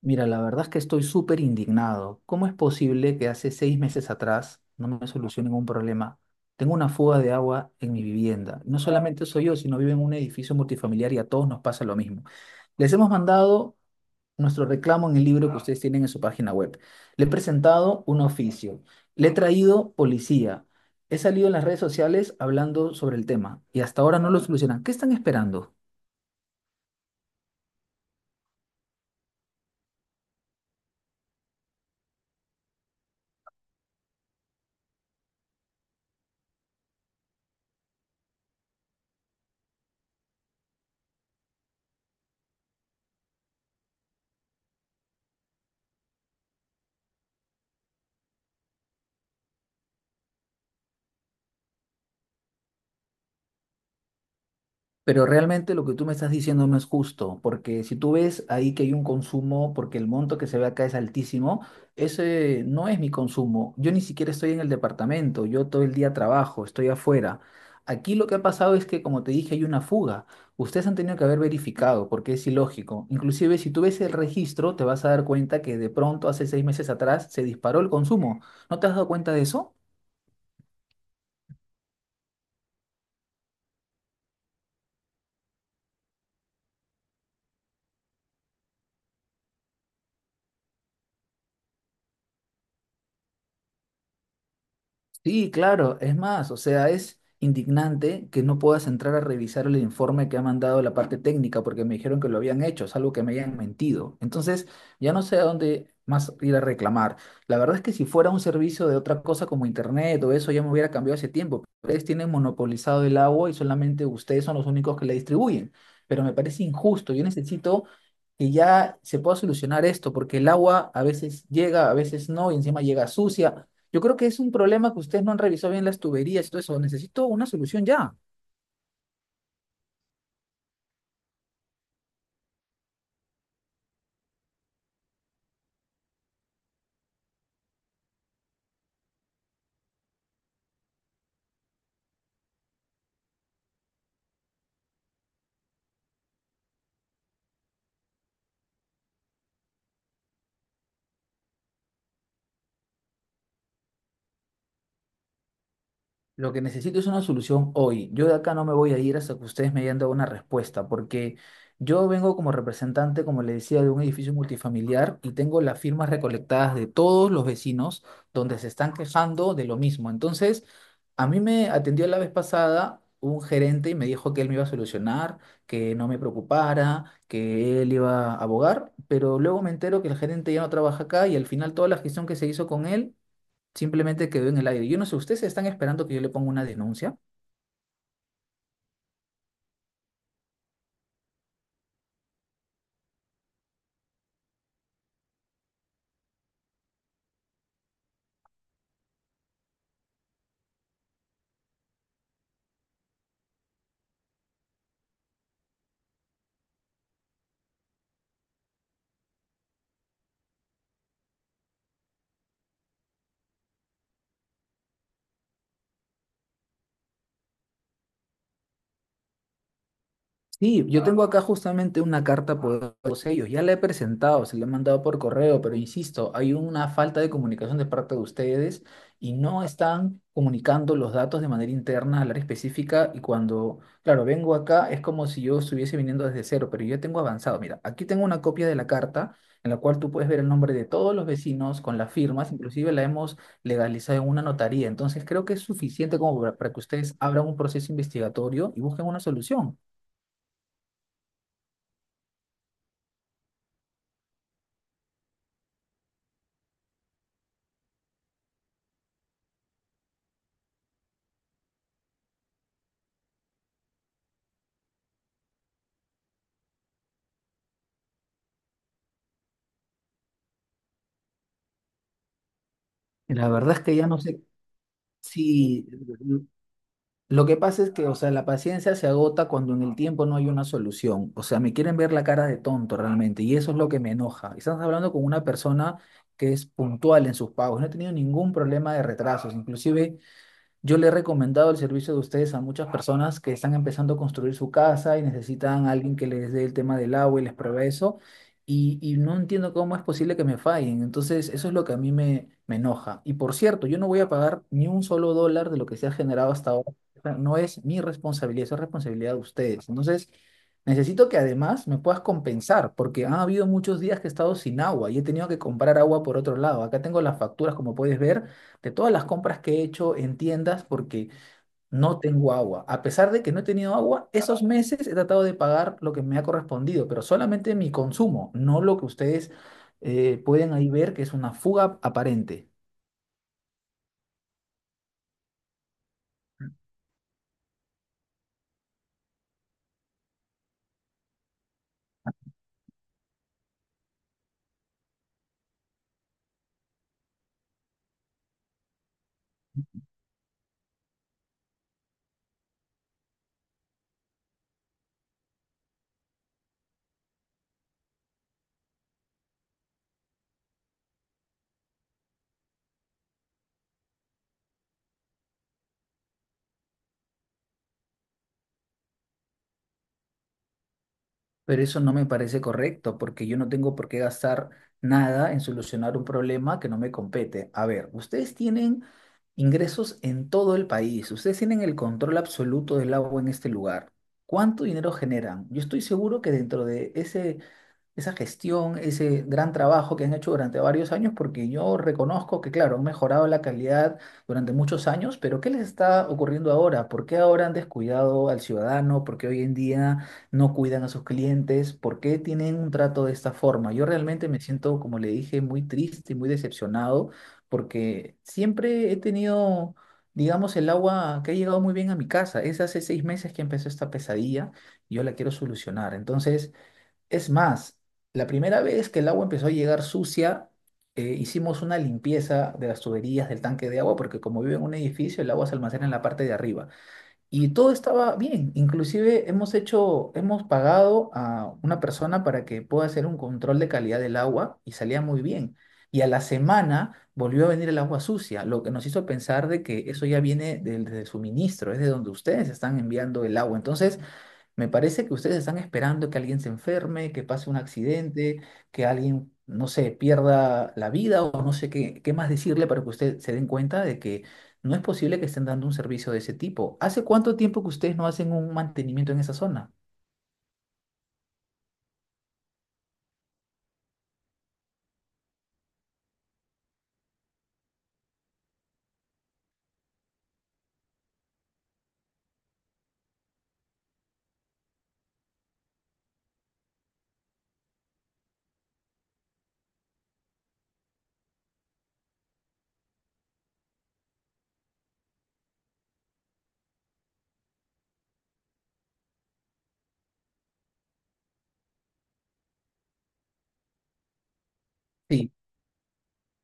Mira, la verdad es que estoy súper indignado. ¿Cómo es posible que hace seis meses atrás no me solucionen un problema? Tengo una fuga de agua en mi vivienda. No solamente soy yo, sino vivo en un edificio multifamiliar y a todos nos pasa lo mismo. Les hemos mandado nuestro reclamo en el libro que ustedes tienen en su página web. Le he presentado un oficio. Le he traído policía. He salido en las redes sociales hablando sobre el tema y hasta ahora no lo solucionan. ¿Qué están esperando? Pero realmente lo que tú me estás diciendo no es justo, porque si tú ves ahí que hay un consumo, porque el monto que se ve acá es altísimo, ese no es mi consumo. Yo ni siquiera estoy en el departamento, yo todo el día trabajo, estoy afuera. Aquí lo que ha pasado es que, como te dije, hay una fuga. Ustedes han tenido que haber verificado, porque es ilógico. Inclusive, si tú ves el registro, te vas a dar cuenta que de pronto, hace seis meses atrás, se disparó el consumo. ¿No te has dado cuenta de eso? Sí, claro, es más, o sea, es indignante que no puedas entrar a revisar el informe que ha mandado la parte técnica porque me dijeron que lo habían hecho, es algo que me hayan mentido. Entonces, ya no sé a dónde más ir a reclamar. La verdad es que si fuera un servicio de otra cosa como internet o eso, ya me hubiera cambiado hace tiempo. Ustedes tienen monopolizado el agua y solamente ustedes son los únicos que la distribuyen. Pero me parece injusto, yo necesito que ya se pueda solucionar esto porque el agua a veces llega, a veces no, y encima llega sucia. Yo creo que es un problema que ustedes no han revisado bien las tuberías y todo eso. Necesito una solución ya. Lo que necesito es una solución hoy. Yo de acá no me voy a ir hasta que ustedes me hayan dado una respuesta, porque yo vengo como representante, como le decía, de un edificio multifamiliar y tengo las firmas recolectadas de todos los vecinos donde se están quejando de lo mismo. Entonces, a mí me atendió la vez pasada un gerente y me dijo que él me iba a solucionar, que no me preocupara, que él iba a abogar, pero luego me entero que el gerente ya no trabaja acá y al final toda la gestión que se hizo con él simplemente quedó en el aire. Yo no sé, ¿ustedes están esperando que yo le ponga una denuncia? Sí, yo tengo acá justamente una carta por todos ellos. Ya la he presentado, se la he mandado por correo, pero insisto, hay una falta de comunicación de parte de ustedes y no están comunicando los datos de manera interna al área específica. Y cuando, claro, vengo acá es como si yo estuviese viniendo desde cero, pero yo tengo avanzado. Mira, aquí tengo una copia de la carta en la cual tú puedes ver el nombre de todos los vecinos con las firmas, inclusive la hemos legalizado en una notaría. Entonces creo que es suficiente como para que ustedes abran un proceso investigatorio y busquen una solución. La verdad es que ya no sé si... Lo que pasa es que, o sea, la paciencia se agota cuando en el tiempo no hay una solución. O sea, me quieren ver la cara de tonto realmente y eso es lo que me enoja. Estás hablando con una persona que es puntual en sus pagos. No he tenido ningún problema de retrasos. Inclusive yo le he recomendado el servicio de ustedes a muchas personas que están empezando a construir su casa y necesitan a alguien que les dé el tema del agua y les pruebe eso. Y no entiendo cómo es posible que me fallen. Entonces, eso es lo que a mí me enoja. Y por cierto, yo no voy a pagar ni un solo dólar de lo que se ha generado hasta ahora. O sea, no es mi responsabilidad, eso es responsabilidad de ustedes. Entonces, necesito que además me puedas compensar, porque han habido muchos días que he estado sin agua y he tenido que comprar agua por otro lado. Acá tengo las facturas, como puedes ver de todas las compras que he hecho en tiendas porque no tengo agua. A pesar de que no he tenido agua, esos meses he tratado de pagar lo que me ha correspondido, pero solamente mi consumo, no lo que ustedes pueden ahí ver que es una fuga aparente. Pero eso no me parece correcto porque yo no tengo por qué gastar nada en solucionar un problema que no me compete. A ver, ustedes tienen ingresos en todo el país, ustedes tienen el control absoluto del agua en este lugar. ¿Cuánto dinero generan? Yo estoy seguro que dentro de ese esa gestión, ese gran trabajo que han hecho durante varios años, porque yo reconozco que, claro, han mejorado la calidad durante muchos años, pero ¿qué les está ocurriendo ahora? ¿Por qué ahora han descuidado al ciudadano? ¿Por qué hoy en día no cuidan a sus clientes? ¿Por qué tienen un trato de esta forma? Yo realmente me siento, como le dije, muy triste y muy decepcionado, porque siempre he tenido... Digamos, el agua que ha llegado muy bien a mi casa. Es hace seis meses que empezó esta pesadilla y yo la quiero solucionar. Entonces, es más, la primera vez que el agua empezó a llegar sucia, hicimos una limpieza de las tuberías del tanque de agua, porque como vivo en un edificio, el agua se almacena en la parte de arriba. Y todo estaba bien. Inclusive hemos hecho, hemos pagado a una persona para que pueda hacer un control de calidad del agua y salía muy bien. Y a la semana volvió a venir el agua sucia, lo que nos hizo pensar de que eso ya viene del suministro, es de donde ustedes están enviando el agua. Entonces, me parece que ustedes están esperando que alguien se enferme, que pase un accidente, que alguien, no sé, pierda la vida o no sé qué, qué más decirle para que ustedes se den cuenta de que no es posible que estén dando un servicio de ese tipo. ¿Hace cuánto tiempo que ustedes no hacen un mantenimiento en esa zona? Sí.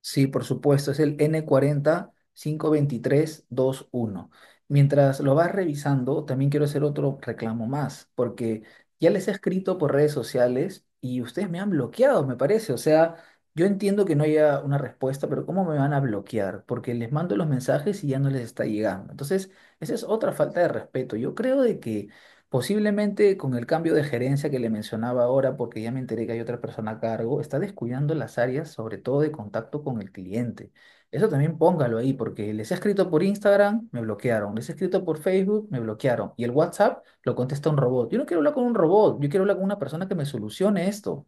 Sí, por supuesto, es el N40-523-21. 45-23-23. Mientras lo vas revisando, también quiero hacer otro reclamo más, porque ya les he escrito por redes sociales y ustedes me han bloqueado, me parece. O sea, yo entiendo que no haya una respuesta, pero ¿cómo me van a bloquear? Porque les mando los mensajes y ya no les está llegando. Entonces, esa es otra falta de respeto. Yo creo de que posiblemente con el cambio de gerencia que le mencionaba ahora, porque ya me enteré que hay otra persona a cargo, está descuidando las áreas, sobre todo de contacto con el cliente. Eso también póngalo ahí, porque les he escrito por Instagram, me bloquearon. Les he escrito por Facebook, me bloquearon. Y el WhatsApp lo contesta un robot. Yo no quiero hablar con un robot, yo quiero hablar con una persona que me solucione esto.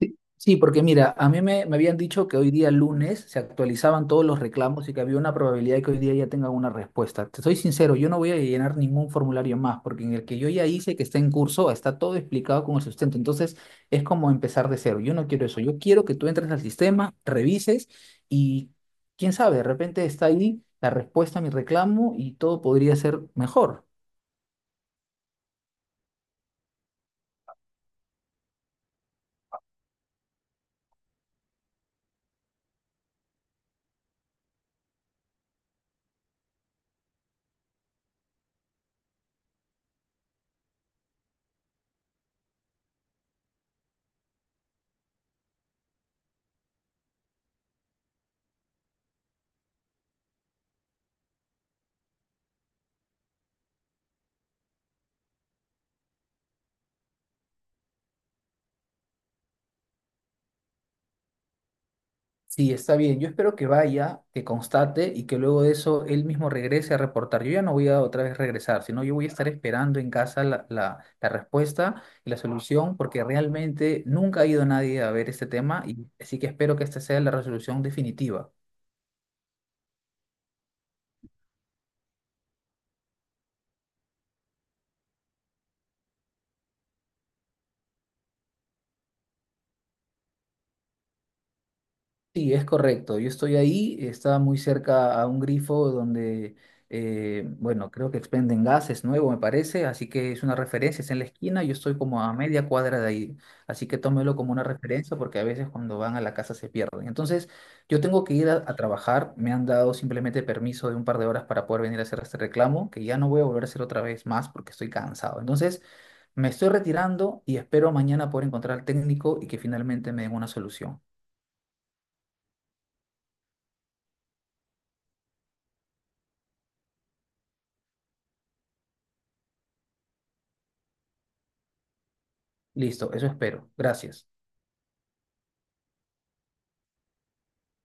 Sí, sí, porque mira, a mí me habían dicho que hoy día lunes se actualizaban todos los reclamos y que había una probabilidad de que hoy día ya tengan una respuesta. Te soy sincero, yo no voy a llenar ningún formulario más, porque en el que yo ya hice que está en curso, está todo explicado con el sustento. Entonces, es como empezar de cero. Yo no quiero eso. Yo quiero que tú entres al sistema, revises y quién sabe, de repente está ahí la respuesta a mi reclamo y todo podría ser mejor. Sí, está bien. Yo espero que vaya, que constate y que luego de eso él mismo regrese a reportar. Yo ya no voy a otra vez regresar, sino yo voy a estar esperando en casa la respuesta y la solución, porque realmente nunca ha ido nadie a ver este tema y así que espero que esta sea la resolución definitiva. Sí, es correcto. Yo estoy ahí, estaba muy cerca a un grifo donde, bueno, creo que expenden gases nuevo, me parece, así que es una referencia, es en la esquina, yo estoy como a media cuadra de ahí, así que tómelo como una referencia porque a veces cuando van a la casa se pierden. Entonces, yo tengo que ir a trabajar, me han dado simplemente permiso de un par de horas para poder venir a hacer este reclamo, que ya no voy a volver a hacer otra vez más porque estoy cansado. Entonces, me estoy retirando y espero mañana poder encontrar al técnico y que finalmente me den una solución. Listo, eso espero. Gracias.